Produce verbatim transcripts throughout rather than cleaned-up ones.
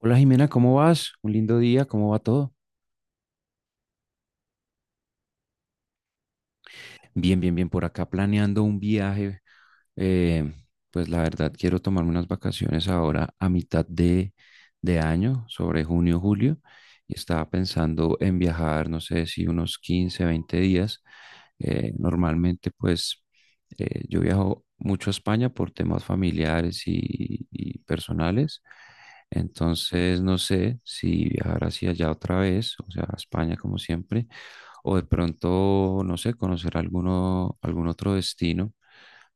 Hola, Jimena, ¿cómo vas? Un lindo día, ¿cómo va todo? Bien, bien, bien, por acá planeando un viaje. eh, pues la verdad, quiero tomarme unas vacaciones ahora a mitad de, de año, sobre junio, julio, y estaba pensando en viajar, no sé si unos quince veinte días. Eh, normalmente, pues eh, yo viajo mucho a España por temas familiares y, y personales, entonces no sé si viajar hacia allá otra vez, o sea, a España como siempre, o de pronto, no sé, conocer alguno, algún otro destino.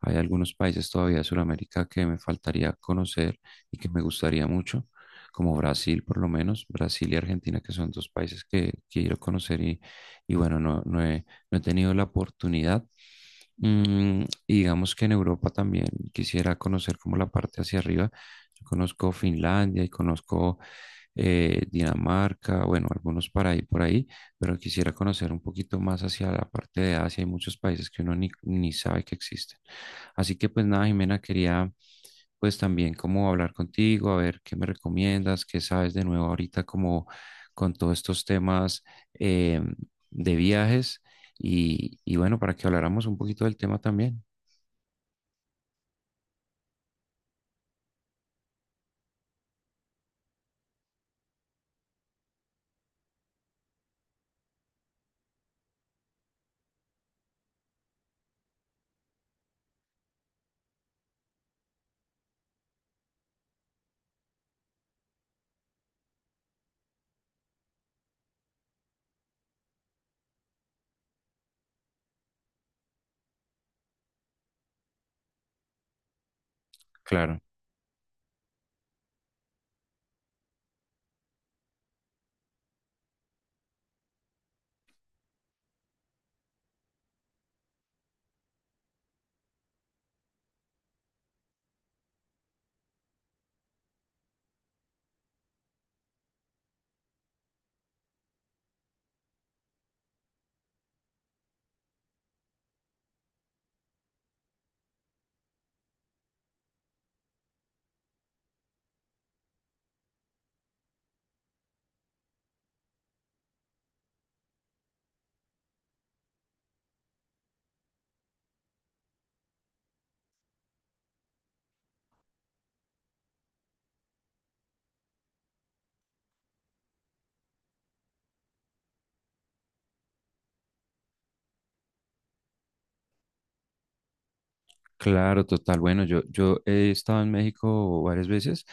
Hay algunos países todavía de Sudamérica que me faltaría conocer y que me gustaría mucho, como Brasil por lo menos, Brasil y Argentina, que son dos países que quiero conocer y, y bueno, no, no he, no he tenido la oportunidad. Mm, y digamos que en Europa también quisiera conocer como la parte hacia arriba. Yo conozco Finlandia y conozco eh, Dinamarca, bueno, algunos para ahí por ahí, pero quisiera conocer un poquito más hacia la parte de Asia. Hay muchos países que uno ni, ni sabe que existen. Así que pues nada, Jimena, quería pues también como hablar contigo, a ver qué me recomiendas, qué sabes de nuevo ahorita como con todos estos temas eh, de viajes y, y bueno, para que habláramos un poquito del tema también. Claro. Claro, total. Bueno, yo, yo he estado en México varias veces,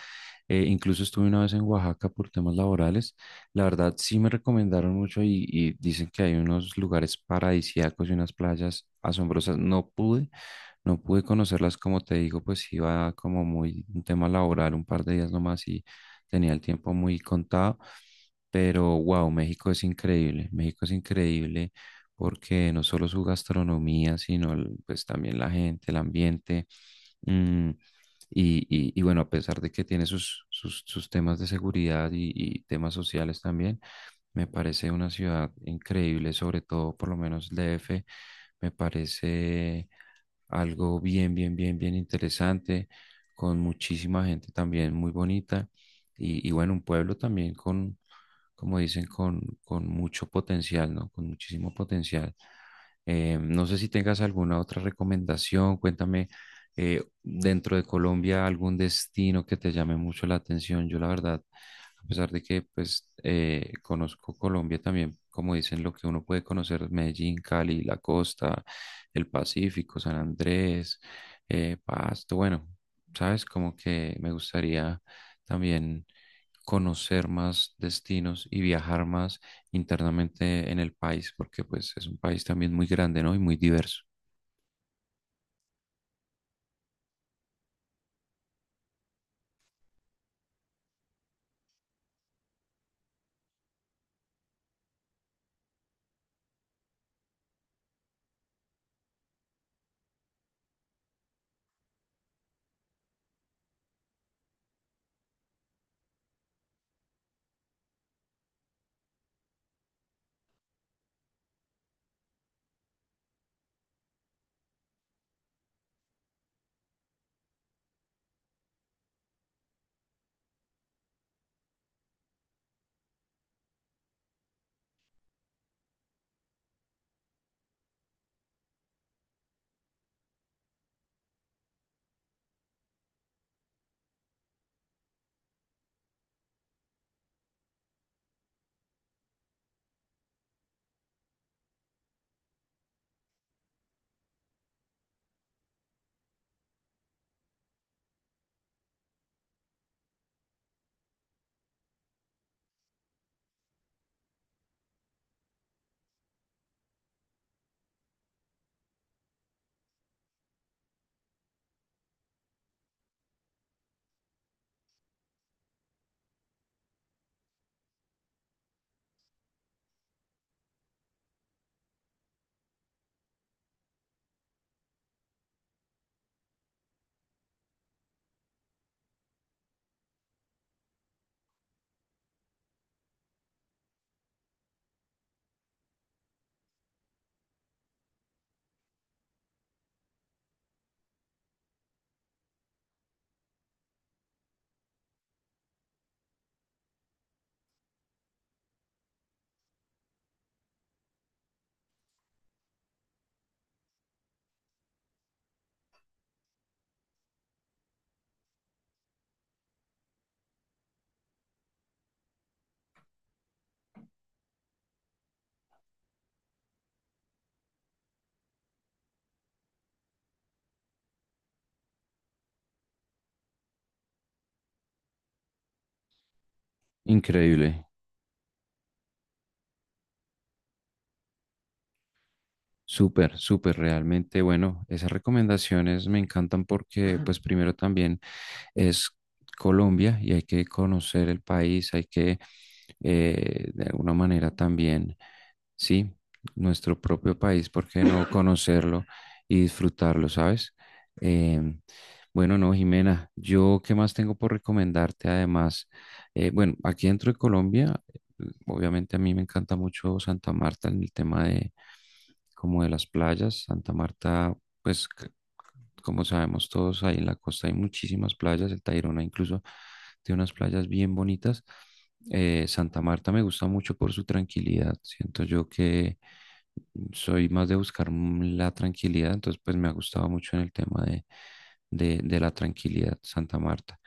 eh, incluso estuve una vez en Oaxaca por temas laborales. La verdad, sí me recomendaron mucho y, y dicen que hay unos lugares paradisíacos y unas playas asombrosas. No pude, no pude conocerlas, como te digo, pues iba como muy un tema laboral, un par de días nomás y tenía el tiempo muy contado. Pero wow, México es increíble, México es increíble porque no solo su gastronomía, sino el- pues también la gente, el ambiente, mm, y, y- y bueno, a pesar de que tiene sus, sus, sus temas de seguridad y, y temas sociales también, me parece una ciudad increíble, sobre todo por lo menos el D F. Me parece algo bien, bien, bien, bien interesante, con muchísima gente también muy bonita. Y, y bueno, un pueblo también con, como dicen, con, con mucho potencial, ¿no? Con muchísimo potencial. Eh, no sé si tengas alguna otra recomendación, cuéntame eh, dentro de Colombia algún destino que te llame mucho la atención. Yo la verdad, a pesar de que pues eh, conozco Colombia también, como dicen lo que uno puede conocer, Medellín, Cali, la costa, el Pacífico, San Andrés, eh, Pasto, bueno, sabes, como que me gustaría también conocer más destinos y viajar más internamente en el país, porque pues es un país también muy grande, ¿no? Y muy diverso. Increíble. Súper, súper, realmente, bueno, esas recomendaciones me encantan porque pues primero también es Colombia y hay que conocer el país, hay que, eh, de alguna manera también, sí, nuestro propio país, ¿por qué no conocerlo y disfrutarlo, ¿sabes? Em, bueno, no, Jimena, yo qué más tengo por recomendarte además. Eh, bueno, aquí dentro de Colombia, obviamente a mí me encanta mucho Santa Marta en el tema de como de las playas. Santa Marta, pues c- como sabemos todos, ahí en la costa hay muchísimas playas. El Tayrona incluso tiene unas playas bien bonitas. Eh, Santa Marta me gusta mucho por su tranquilidad. Siento yo que soy más de buscar mm, la tranquilidad, entonces pues me ha gustado mucho en el tema de, de, de la tranquilidad Santa Marta.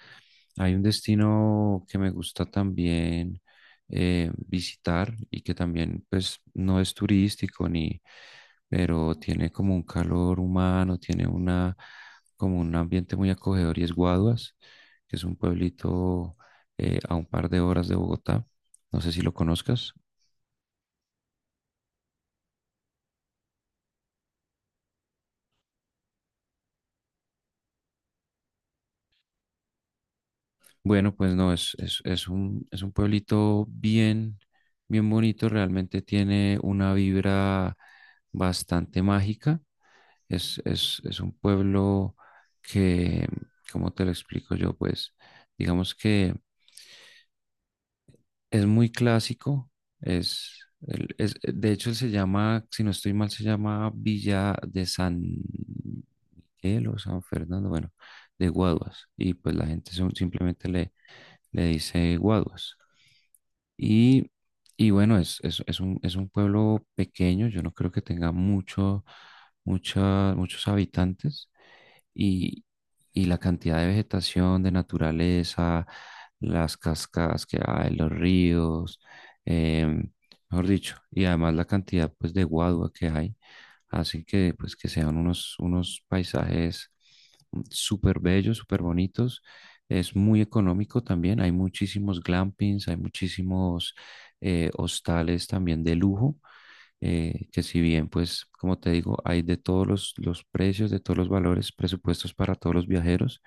Hay un destino que me gusta también eh, visitar y que también pues no es turístico ni, pero tiene como un calor humano, tiene una como un ambiente muy acogedor y es Guaduas, que es un pueblito eh, a un par de horas de Bogotá. No sé si lo conozcas. Bueno, pues no, es, es, es un, es un pueblito bien, bien bonito, realmente tiene una vibra bastante mágica. Es, es, es un pueblo que, ¿cómo te lo explico yo? Pues digamos que es muy clásico, es, el- es- de hecho él se llama, si no estoy mal, se llama Villa de San Miguel o San Fernando, bueno, de Guaduas, y pues la gente son- simplemente le, le dice Guaduas. Y, y bueno, es, es, es un, es un pueblo pequeño, yo no creo que tenga mucho, mucha- muchos habitantes y, y la cantidad de vegetación, de naturaleza, las cascadas que hay, los ríos, em, mejor dicho, y además la cantidad pues de guadua que hay, así que pues que sean unos, unos paisajes mm, súper bellos, súper bonitos. Es muy económico también, hay muchísimos glampings, hay muchísimos eh, hostales también de lujo, eh, que si bien, pues, como te digo, hay de todos los, los precios, de todos los valores, presupuestos para todos los viajeros.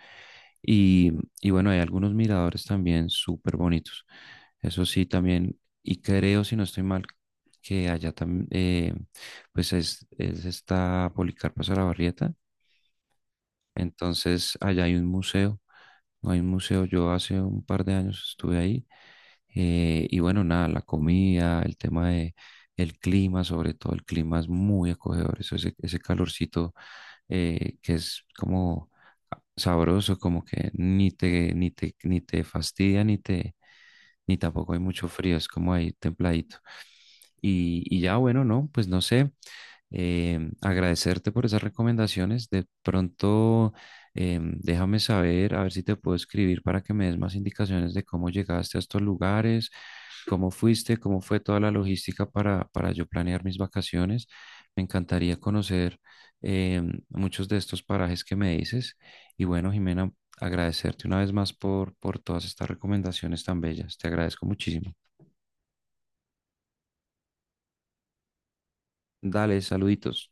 Y, y bueno, hay algunos miradores también súper bonitos. Eso sí, también, y creo, si no estoy mal, que allá también, pues es, es esta Policarpa Barrieta, entonces allá hay un museo, no hay un museo, yo hace un par de años estuve ahí, eh, y bueno, nada, la comida, el tema de el clima, sobre todo el clima es muy acogedor, eso, ese, ese calorcito eh, que es como sabroso, como que ni te, ni te, ni te fastidia, ni te, ni tampoco hay mucho frío, es como ahí templadito. Y, y ya, bueno, no, pues no sé, eh, agradecerte por esas recomendaciones. De pronto, em, déjame saber, a ver si te puedo escribir para que me des más indicaciones de cómo llegaste a estos lugares, cómo fuiste, cómo fue toda la logística para, para yo planear mis vacaciones. Me encantaría conocer em, muchos de estos parajes que me dices. Y bueno, Jimena, agradecerte una vez más por, por todas estas recomendaciones tan bellas. Te agradezco muchísimo. Dale, saluditos.